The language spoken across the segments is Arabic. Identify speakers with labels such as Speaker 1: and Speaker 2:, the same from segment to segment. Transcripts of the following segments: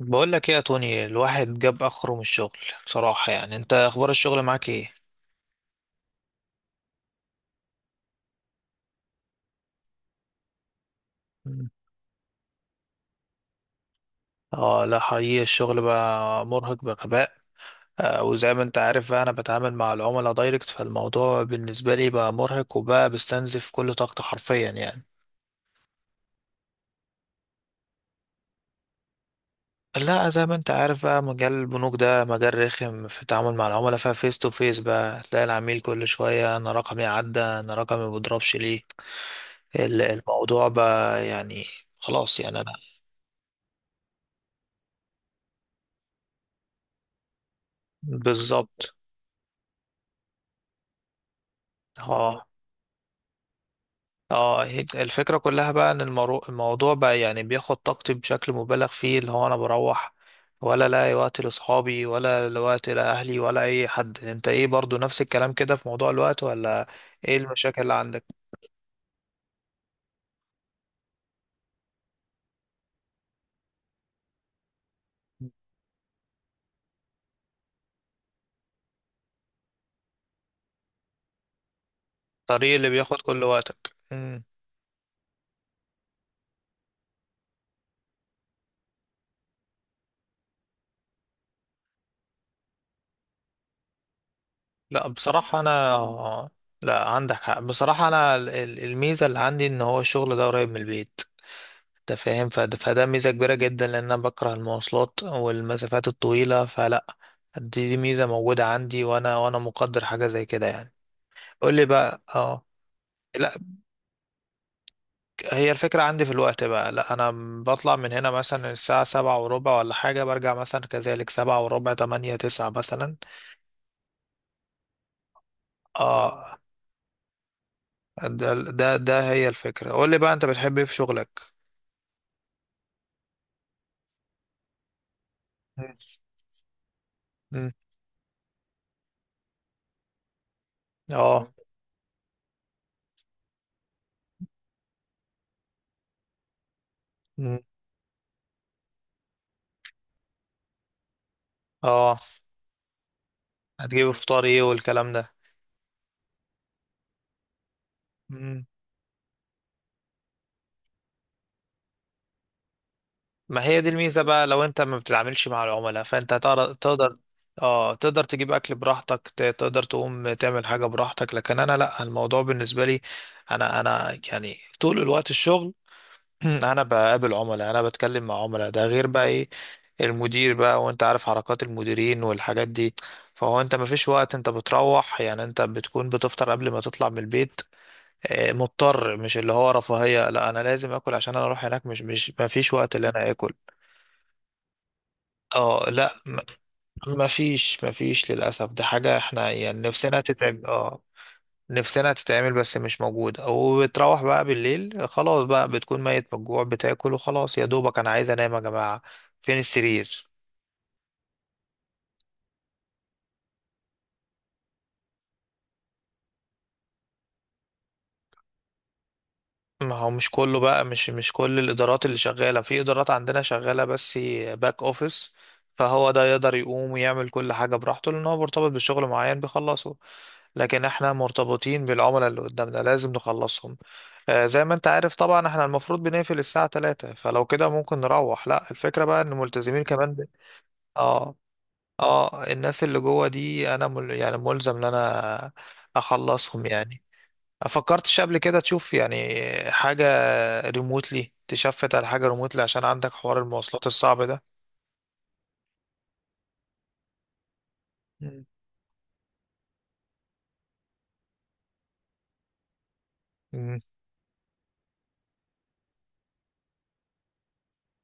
Speaker 1: بقول لك ايه يا توني؟ الواحد جاب اخره من الشغل. بصراحة يعني انت اخبار الشغل معاك ايه؟ مم. اه لا حقيقي الشغل بقى مرهق بغباء. آه، وزي ما انت عارف بقى انا بتعامل مع العملاء دايركت، فالموضوع بالنسبة لي بقى مرهق وبقى بستنزف كل طاقتي حرفيا يعني. لا زي ما انت عارف بقى مجال البنوك ده مجال رخم في التعامل مع العملاء، ففيس تو فيس بقى تلاقي العميل كل شوية: انا رقمي عدى، انا رقمي مبضربش ليه. الموضوع بقى يعني خلاص يعني انا. بالظبط. اه اه، هي الفكرة كلها بقى ان الموضوع بقى يعني بياخد طاقتي بشكل مبالغ فيه. اللي هو انا بروح ولا لاقي وقت لاصحابي، ولا وقت لاهلي، ولا اي حد. انت ايه برضو نفس الكلام كده في موضوع الوقت ولا ايه المشاكل اللي عندك؟ الطريق اللي بياخد كل وقتك. مم. لا بصراحة انا، لا عندك حق. بصراحة انا الميزة اللي عندي ان هو الشغل ده قريب من البيت. انت فاهم؟ فده ميزة كبيرة جدا، لان انا بكره المواصلات والمسافات الطويلة، فلا، دي ميزة موجودة عندي، وانا مقدر حاجة زي كده يعني. قول لي بقى. اه لا، هي الفكرة عندي في الوقت بقى. لا انا بطلع من هنا مثلا الساعة 7:15 ولا حاجة، برجع مثلا كذلك 7:15، 8، 9 مثلا. اه. ده هي الفكرة. قول لي بقى، انت بتحب ايه في شغلك؟ مم. مم. اه. مم. اه. هتجيب فطار ايه والكلام ده؟ ما هي دي الميزة بقى، لو انت ما بتتعاملش مع العملاء فانت هتقدر. تقدر اه، تقدر تجيب اكل براحتك، تقدر تقوم تعمل حاجة براحتك. لكن انا لا، الموضوع بالنسبة لي، انا يعني طول الوقت الشغل. انا بقابل عملاء، انا بتكلم مع عملاء، ده غير بقى ايه، المدير بقى، وانت عارف حركات المديرين والحاجات دي. فهو انت مفيش وقت، انت بتروح يعني انت بتكون بتفطر قبل ما تطلع من البيت. آه، مضطر، مش اللي هو رفاهية. لا، انا لازم اكل عشان انا اروح هناك. مش مفيش وقت اللي انا اكل. اه، لا م- مفيش للأسف. دي حاجة احنا يعني نفسنا تتعمل، اه، نفسنا تتعمل بس مش موجودة. وبتروح بقى بالليل، خلاص بقى بتكون ميت من الجوع، بتاكل وخلاص، يا دوبك انا عايز انام يا جماعة، فين السرير. ما هو مش كله بقى، مش كل الادارات اللي شغاله، في ادارات عندنا شغاله بس باك اوفيس. فهو ده يقدر يقوم ويعمل كل حاجه براحته، لان هو مرتبط بشغل معين بيخلصه. لكن احنا مرتبطين بالعملاء اللي قدامنا، لازم نخلصهم. آه، زي ما انت عارف طبعا احنا المفروض بنقفل الساعه 3. فلو كده ممكن نروح، لا، الفكره بقى ان ملتزمين كمان اه. اه، الناس اللي جوه دي انا يعني ملزم ان انا اخلصهم يعني. فكرتش قبل كده تشوف يعني حاجة ريموتلي؟ تشفت على حاجة ريموتلي عشان عندك حوار المواصلات الصعب ده. مم. مم.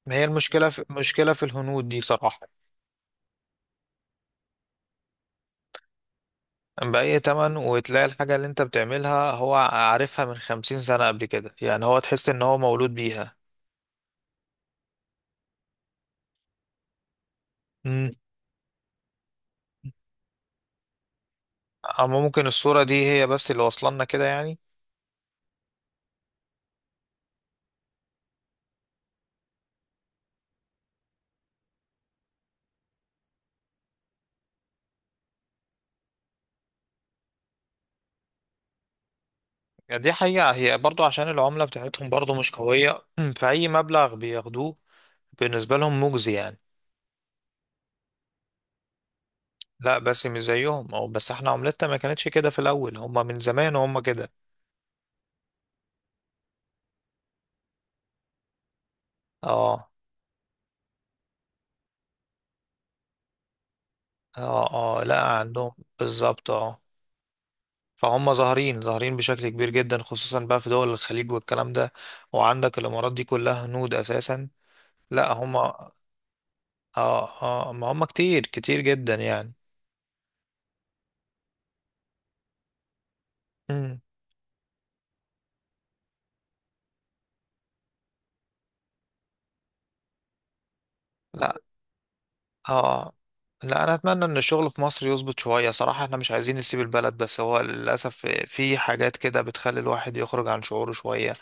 Speaker 1: ما هي المشكلة، في مشكلة في الهنود دي صراحة. بأي تمن، وتلاقي الحاجة اللي انت بتعملها هو عارفها من 50 سنة قبل كده يعني، هو تحس ان هو مولود بيها. مم. اما ممكن الصورة دي هي بس اللي واصلنا كده يعني. دي حقيقة، هي برضو عشان العملة بتاعتهم برضو مش قوية. فأي مبلغ بياخدوه بالنسبة لهم مجزي يعني. لا بس مش زيهم. او بس احنا عملتنا ما كانتش كده في الاول، هم من زمان وهم كده. اه اه اه، لا عندهم. بالظبط اه. فهم ظاهرين، ظاهرين بشكل كبير جدا، خصوصا بقى في دول الخليج والكلام ده. وعندك الامارات دي كلها هنود اساسا. لا هم اه. اه، ما هم كتير، كتير جدا يعني. مم. لا اه، لا انا اتمنى ان الشغل في مصر يظبط شويه صراحه. احنا مش عايزين نسيب البلد، بس هو للاسف في حاجات كده بتخلي الواحد يخرج عن شعوره شويه.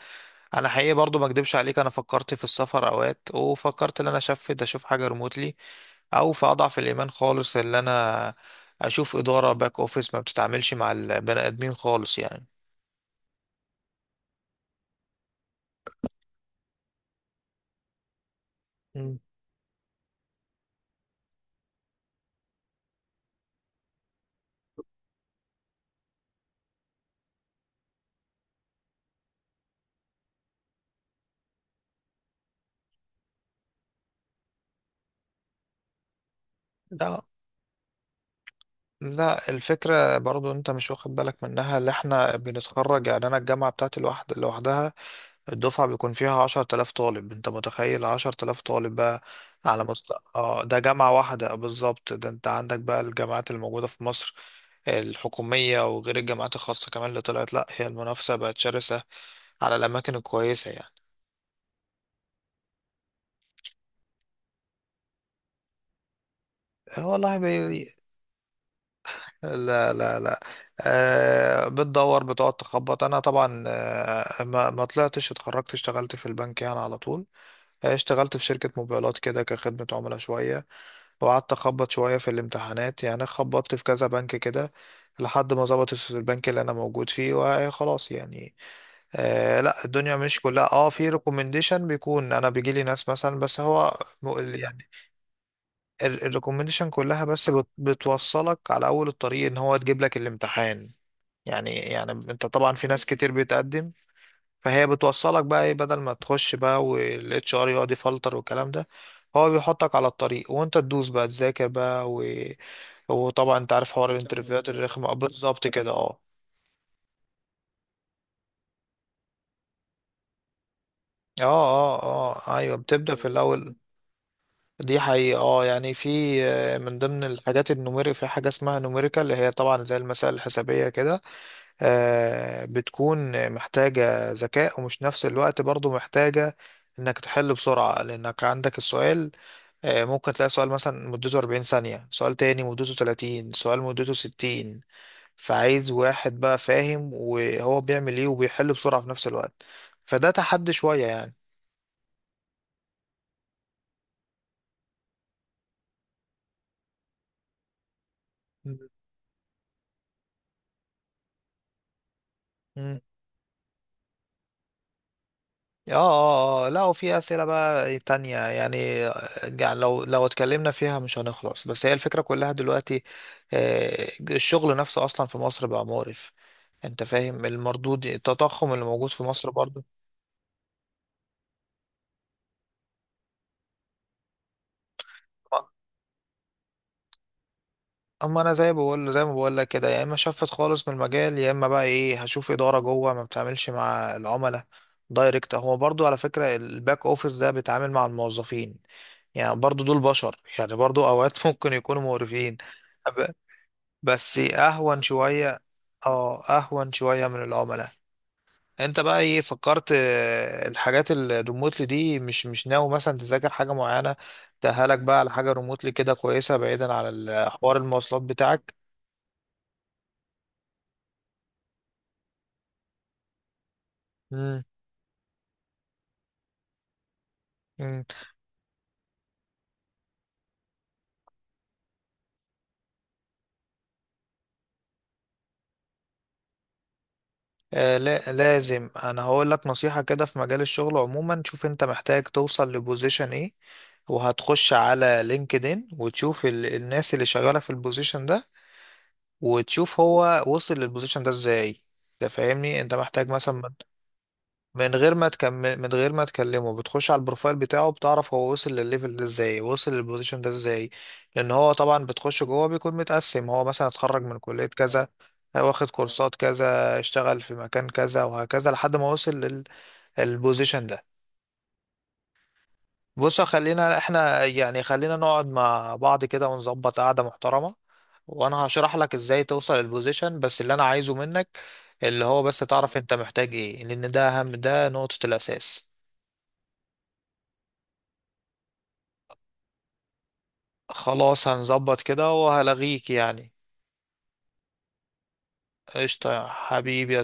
Speaker 1: انا حقيقي برضو ما اكدبش عليك، انا فكرت في السفر اوقات، وفكرت ان انا اشفت اشوف حاجه ريموتلي، او في اضعف الايمان خالص ان انا اشوف اداره باك اوفيس ما بتتعاملش مع البني ادمين خالص يعني. مم. لا لا، الفكره برضو انت مش واخد بالك منها، اللي احنا بنتخرج يعني، انا الجامعه بتاعتي لوحد لوحدها الدفعة بيكون فيها 10 تلاف طالب. انت متخيل 10 تلاف طالب بقى على مستوى، اه، ده جامعة واحدة. آه، بالظبط. ده انت عندك بقى الجامعات الموجودة في مصر الحكومية، وغير الجامعات الخاصة كمان اللي طلعت. لأ، هي المنافسة بقت شرسة على الأماكن الكويسة يعني. آه، والله لا لا لا. أه، بتدور، بتقعد تخبط. أنا طبعا أه ما طلعتش، اتخرجت اشتغلت في البنك يعني على طول. آه، اشتغلت في شركة موبايلات كده كخدمة عملاء شوية، وقعدت أخبط شوية في الامتحانات يعني، خبطت في كذا بنك كده، لحد ما ظبطت في البنك اللي أنا موجود فيه، وخلاص يعني. آه لا، الدنيا مش كلها اه، في ريكومنديشن بيكون، أنا بيجيلي ناس مثلا، بس هو يعني الريكومنديشن كلها بس بتوصلك على أول الطريق، إن هو تجيب لك الامتحان يعني انت طبعا في ناس كتير بتقدم، فهي بتوصلك بقى ايه، بدل ما تخش بقى والاتش ار يقعد يفلتر والكلام ده، هو بيحطك على الطريق، وانت تدوس بقى تذاكر بقى وطبعا انت عارف حوار تكمل الانترفيوهات بقى الرخمة. آه، بالظبط كده. اه اه اه اه، ايوه. بتبدأ في الاول، دي حقيقة اه يعني، في آه، من ضمن الحاجات النوميري، في حاجة اسمها نوميريكال، اللي هي طبعا زي المسائل الحسابية كده، آه، بتكون محتاجة ذكاء، ومش نفس الوقت برضو محتاجة انك تحل بسرعة، لانك عندك السؤال آه، ممكن تلاقي سؤال مثلا مدته 40 ثانية، سؤال تاني مدته 30، سؤال مدته 60. فعايز واحد بقى فاهم وهو بيعمل ايه وبيحل بسرعة في نفس الوقت، فده تحدي شوية يعني. مم. مم. اه اه اه، لا وفي أسئلة بقى تانية يعني آه، يعني لو اتكلمنا فيها مش هنخلص. بس هي الفكرة كلها دلوقتي آه، الشغل نفسه أصلا في مصر بقى مقرف. انت فاهم المردود، التضخم اللي موجود في مصر برضو. اما انا زي بقول، زي ما بقول لك كده، يا اما شفت خالص من المجال، يا اما بقى ايه، هشوف اداره جوه ما بتعملش مع العملاء دايركت. هو برضو على فكره الباك اوفيس ده بيتعامل مع الموظفين، يعني برضو دول بشر، يعني برضو اوقات ممكن يكونوا مقرفين. ب- بس اهون شويه. اه، اهون شويه من العملاء. انت بقى ايه فكرت؟ آه، الحاجات الريموتلي دي، مش ناوي مثلا تذاكر حاجه معينه تأهلك بقى على حاجه ريموتلي كده كويسه، بعيدا عن حوار المواصلات بتاعك. مم. مم. آه لا لازم، انا هقول لك نصيحة كده في مجال الشغل عموما: شوف انت محتاج توصل لبوزيشن ايه، وهتخش على لينكدين وتشوف الناس اللي شغالة في البوزيشن ده، وتشوف هو وصل للبوزيشن ده ازاي. ده فاهمني، انت محتاج مثلا، من غير ما تكمل، من غير ما تكلمه، بتخش على البروفايل بتاعه، بتعرف هو وصل للليفل ده ازاي، وصل للبوزيشن ده ازاي. لان هو طبعا بتخش جوه بيكون متقسم، هو مثلا اتخرج من كلية كذا، واخد كورسات كذا، اشتغل في مكان كذا، وهكذا لحد ما وصل للبوزيشن ده. بص، خلينا احنا يعني خلينا نقعد مع بعض كده ونظبط قعدة محترمة، وانا هشرح لك ازاي توصل للبوزيشن. بس اللي انا عايزه منك، اللي هو بس تعرف انت محتاج ايه، لان ده اهم، ده نقطة الاساس. خلاص، هنظبط كده وهلغيك يعني. قشطة يا حبيبي.